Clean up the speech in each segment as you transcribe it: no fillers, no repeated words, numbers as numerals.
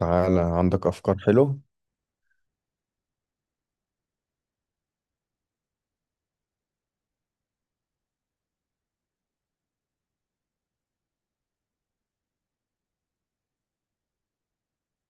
تعالى عندك أفكار حلوة.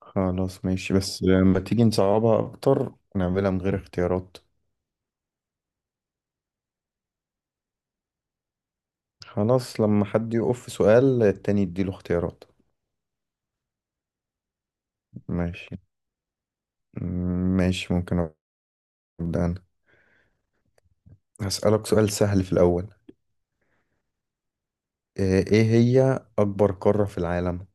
خلاص ماشي، بس لما تيجي نصعبها أكتر نعملها من غير اختيارات. خلاص، لما حد يقف في سؤال التاني يديله اختيارات. ماشي. ماشي، ممكن أبدأ أنا. هسألك سؤال سهل في الأول. إيه هي أكبر قارة في العالم؟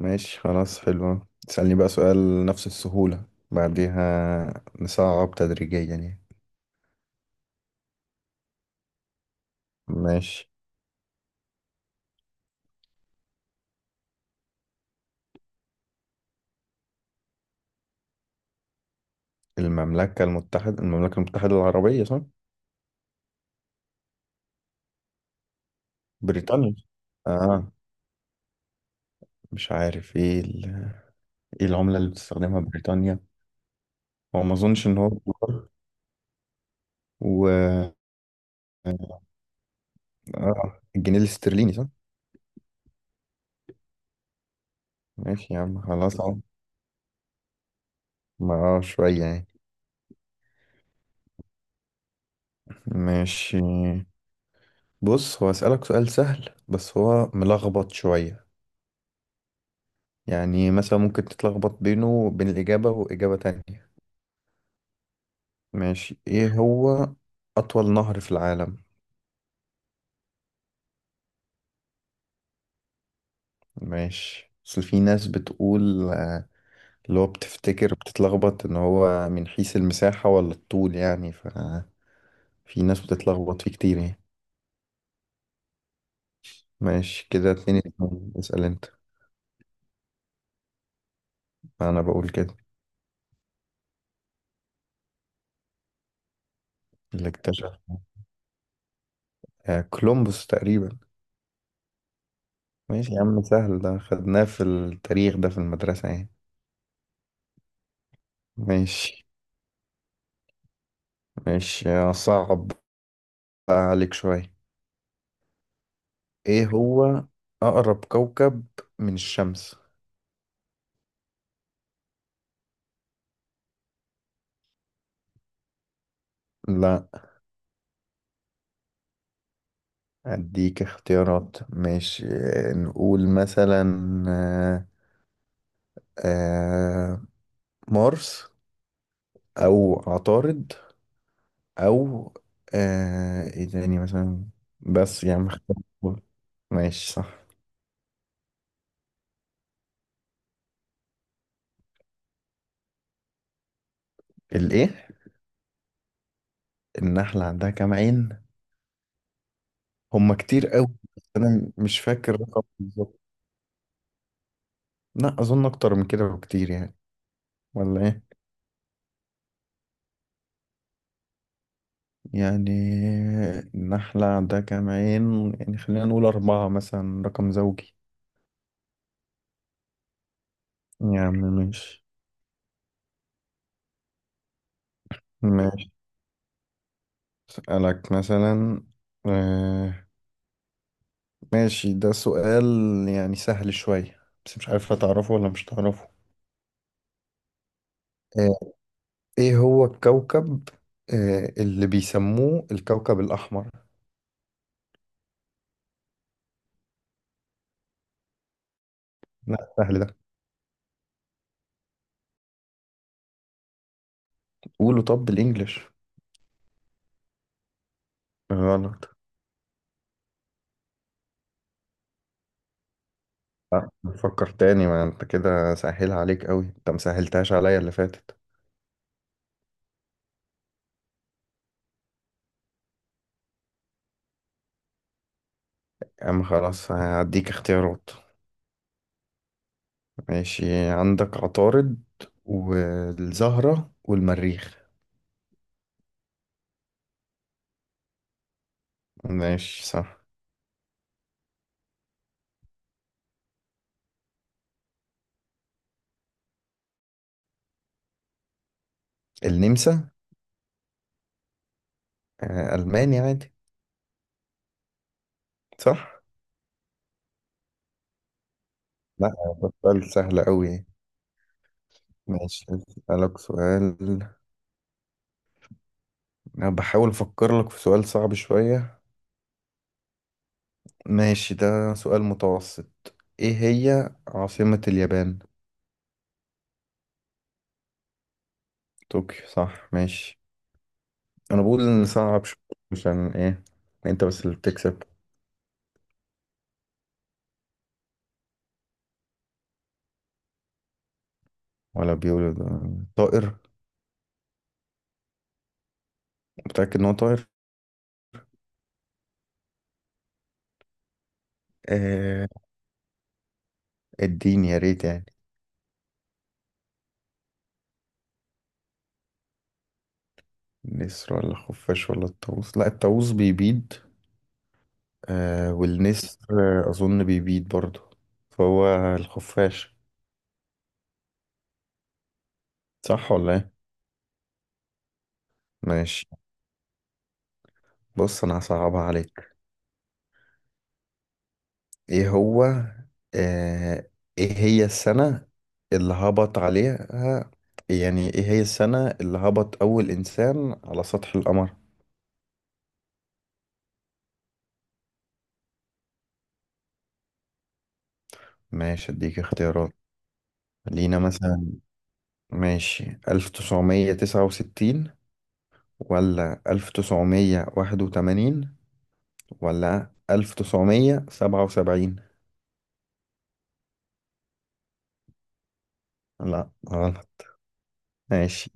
ماشي خلاص، حلوة. تسألني بقى سؤال نفس السهولة، بعديها نصعب تدريجيا يعني. ماشي. المملكة المتحدة، المملكة المتحدة العربية، صح؟ بريطانيا. اه مش عارف ايه ايه العملة اللي بتستخدمها بريطانيا. هو ما اظنش ان هو الدولار. و اه الجنيه الاسترليني، صح؟ ماشي يا عم، خلاص اهو. ما شوية يعني. ماشي. بص، هو اسألك سؤال سهل بس هو ملخبط شوية، يعني مثلا ممكن تتلخبط بينه وبين الإجابة وإجابة تانية. ماشي، إيه هو أطول نهر في العالم؟ ماشي، بس في ناس بتقول اللي هو بتفتكر بتتلخبط إن هو من حيث المساحة ولا الطول يعني، ففي ناس بتتلخبط فيه كتير يعني. ماشي كده 2-2، اسأل أنت. أنا بقول كده. اللي اكتشف كولومبوس تقريبا. ماشي يا عم، سهل ده، خدناه في التاريخ ده في المدرسة يعني. ماشي. ماشي صعب بقى عليك شوية. ايه هو اقرب كوكب من الشمس؟ لا. اديك اختيارات ماشي، نقول مثلا آه، آه، مارس او عطارد او ايه تاني مثلا، بس يعني مختار. ماشي صح. الايه؟ النحلة عندها كام عين؟ هما كتير قوي. انا مش فاكر الرقم بالظبط. لا، اظن اكتر من كده بكتير يعني. ولا ايه يعني؟ النحلة عندها كام عين، يعني خلينا نقول أربعة مثلا، رقم زوجي. يعني ماشي. ماشي، أسألك مثلا آه ماشي، ده سؤال يعني سهل شوية بس مش عارف هتعرفه ولا مش هتعرفه. آه إيه هو الكوكب اللي بيسموه الكوكب الأحمر؟ لا، سهل ده. قوله طب بالإنجلش. غلط. لا، فكر تاني، ما انت كده سهل عليك قوي، انت مسهلتهاش عليا اللي فاتت. أما خلاص هديك اختيارات. ماشي، عندك عطارد والزهرة والمريخ. ماشي صح. النمسا؟ ألماني عادي، صح؟ لا، ده سؤال سهل أوي. ماشي، أسألك سؤال. أنا بحاول أفكر لك في سؤال صعب شوية. ماشي، ده سؤال متوسط. إيه هي عاصمة اليابان؟ طوكيو، صح، ماشي. أنا بقول إن صعب شوية عشان إيه أنت بس اللي بتكسب. ولا بيقولوا ده طائر؟ متأكد إن هو طاهر؟ آه، الدين يا ريت يعني. النسر ولا خفاش ولا الطاووس؟ لا، الطاووس بيبيض والنسر أظن بيبيض برضه. فهو الخفاش. صح ولا إيه؟ ماشي. بص، أنا هصعبها عليك. إيه هو آه إيه هي السنة اللي هبط عليها، يعني إيه هي السنة اللي هبط أول إنسان على سطح القمر؟ ماشي، أديك اختيارات. لينا مثلا، ماشي، 1969، ولا 1981، ولا 1977. لا، غلط. ماشي،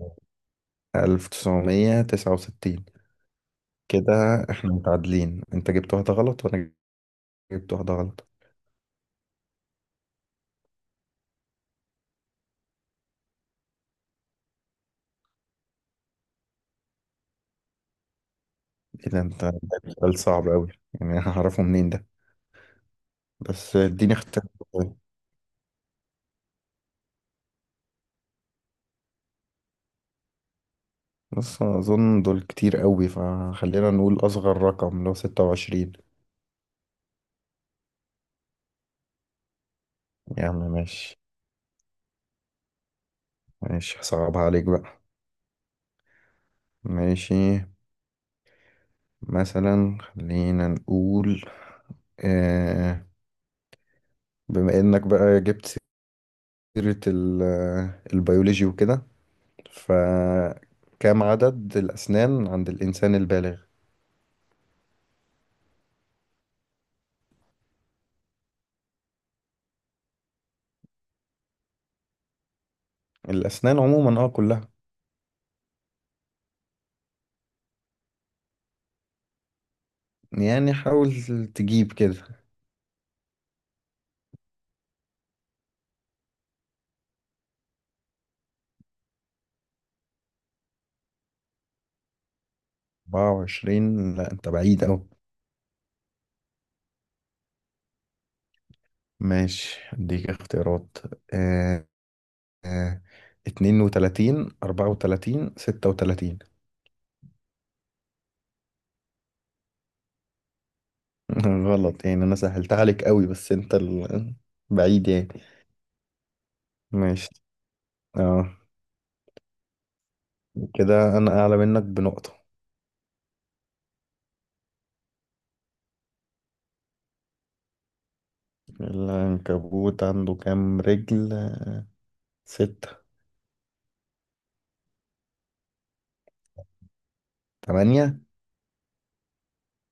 1969. كده احنا متعادلين، انت جبت واحدة غلط وانا جبت واحدة غلط. ايه ده؟ انت جايب سؤال صعب أوي، يعني أنا هعرفه منين ده؟ بس اديني اختيار. بص، أنا أظن دول كتير أوي، فخلينا نقول أصغر رقم اللي هو 26. يا عم ماشي. ماشي، هصعبها عليك بقى. ماشي، مثلا خلينا نقول آه، بما انك بقى جبت سيرة البيولوجي وكده، فكم عدد الأسنان عند الإنسان البالغ؟ الأسنان عموما، اه كلها. يعني حاول تجيب كده. 24؟ لا، انت بعيد أوي. ماشي اديك اختيارات آه، آه، 32، 34، 36. غلط. يعني انا سهلتها عليك قوي بس انت بعيد يعني. ماشي. اه، كده انا اعلى منك بنقطة. العنكبوت عنده كام رجل؟ 6. 8.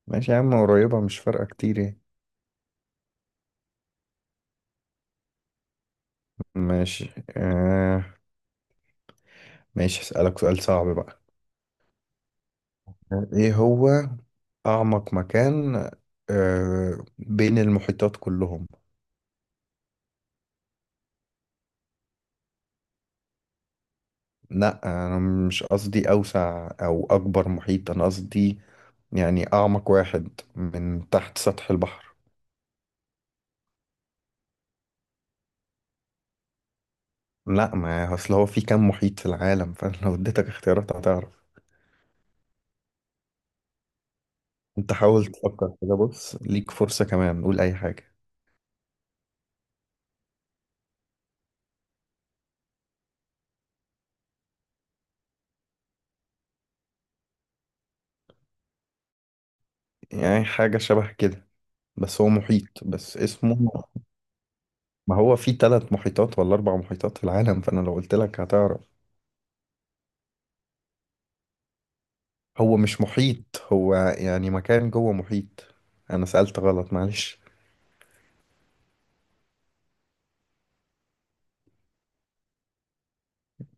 ماشي يا عم، قريبة مش فارقة كتير يعني. ماشي آه ماشي، هسألك سؤال صعب بقى. ايه هو أعمق مكان بين المحيطات كلهم؟ لا، انا مش قصدي اوسع او اكبر محيط، انا قصدي يعني اعمق واحد من تحت سطح البحر. لا، ما اصل هو في كام محيط في العالم، فلو اديتك اختيارات هتعرف. انت حاول تفكر كده، بص ليك فرصة كمان، قول اي حاجة. يعني حاجة شبه كده، بس هو محيط بس اسمه. ما هو في ثلاث محيطات ولا اربع محيطات في العالم، فانا لو قلت لك هتعرف. هو مش محيط، هو يعني مكان جوه محيط. انا سألت غلط، معلش.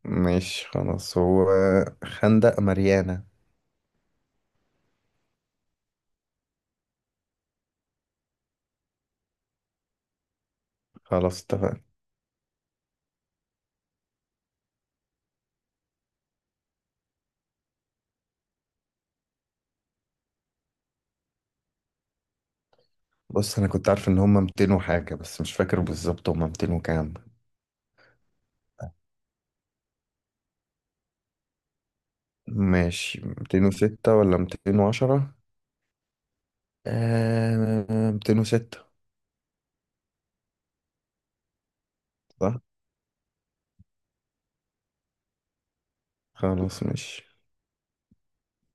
ماشي خلاص، هو خندق ماريانا. خلاص اتفقنا. بص انا كنت عارف ان هما 200 وحاجة، بس مش فاكر بالظبط هما 200 وكام. ماشي، 206 ولا 210؟ 206. صح. خلاص ماشي، 206 ماشي.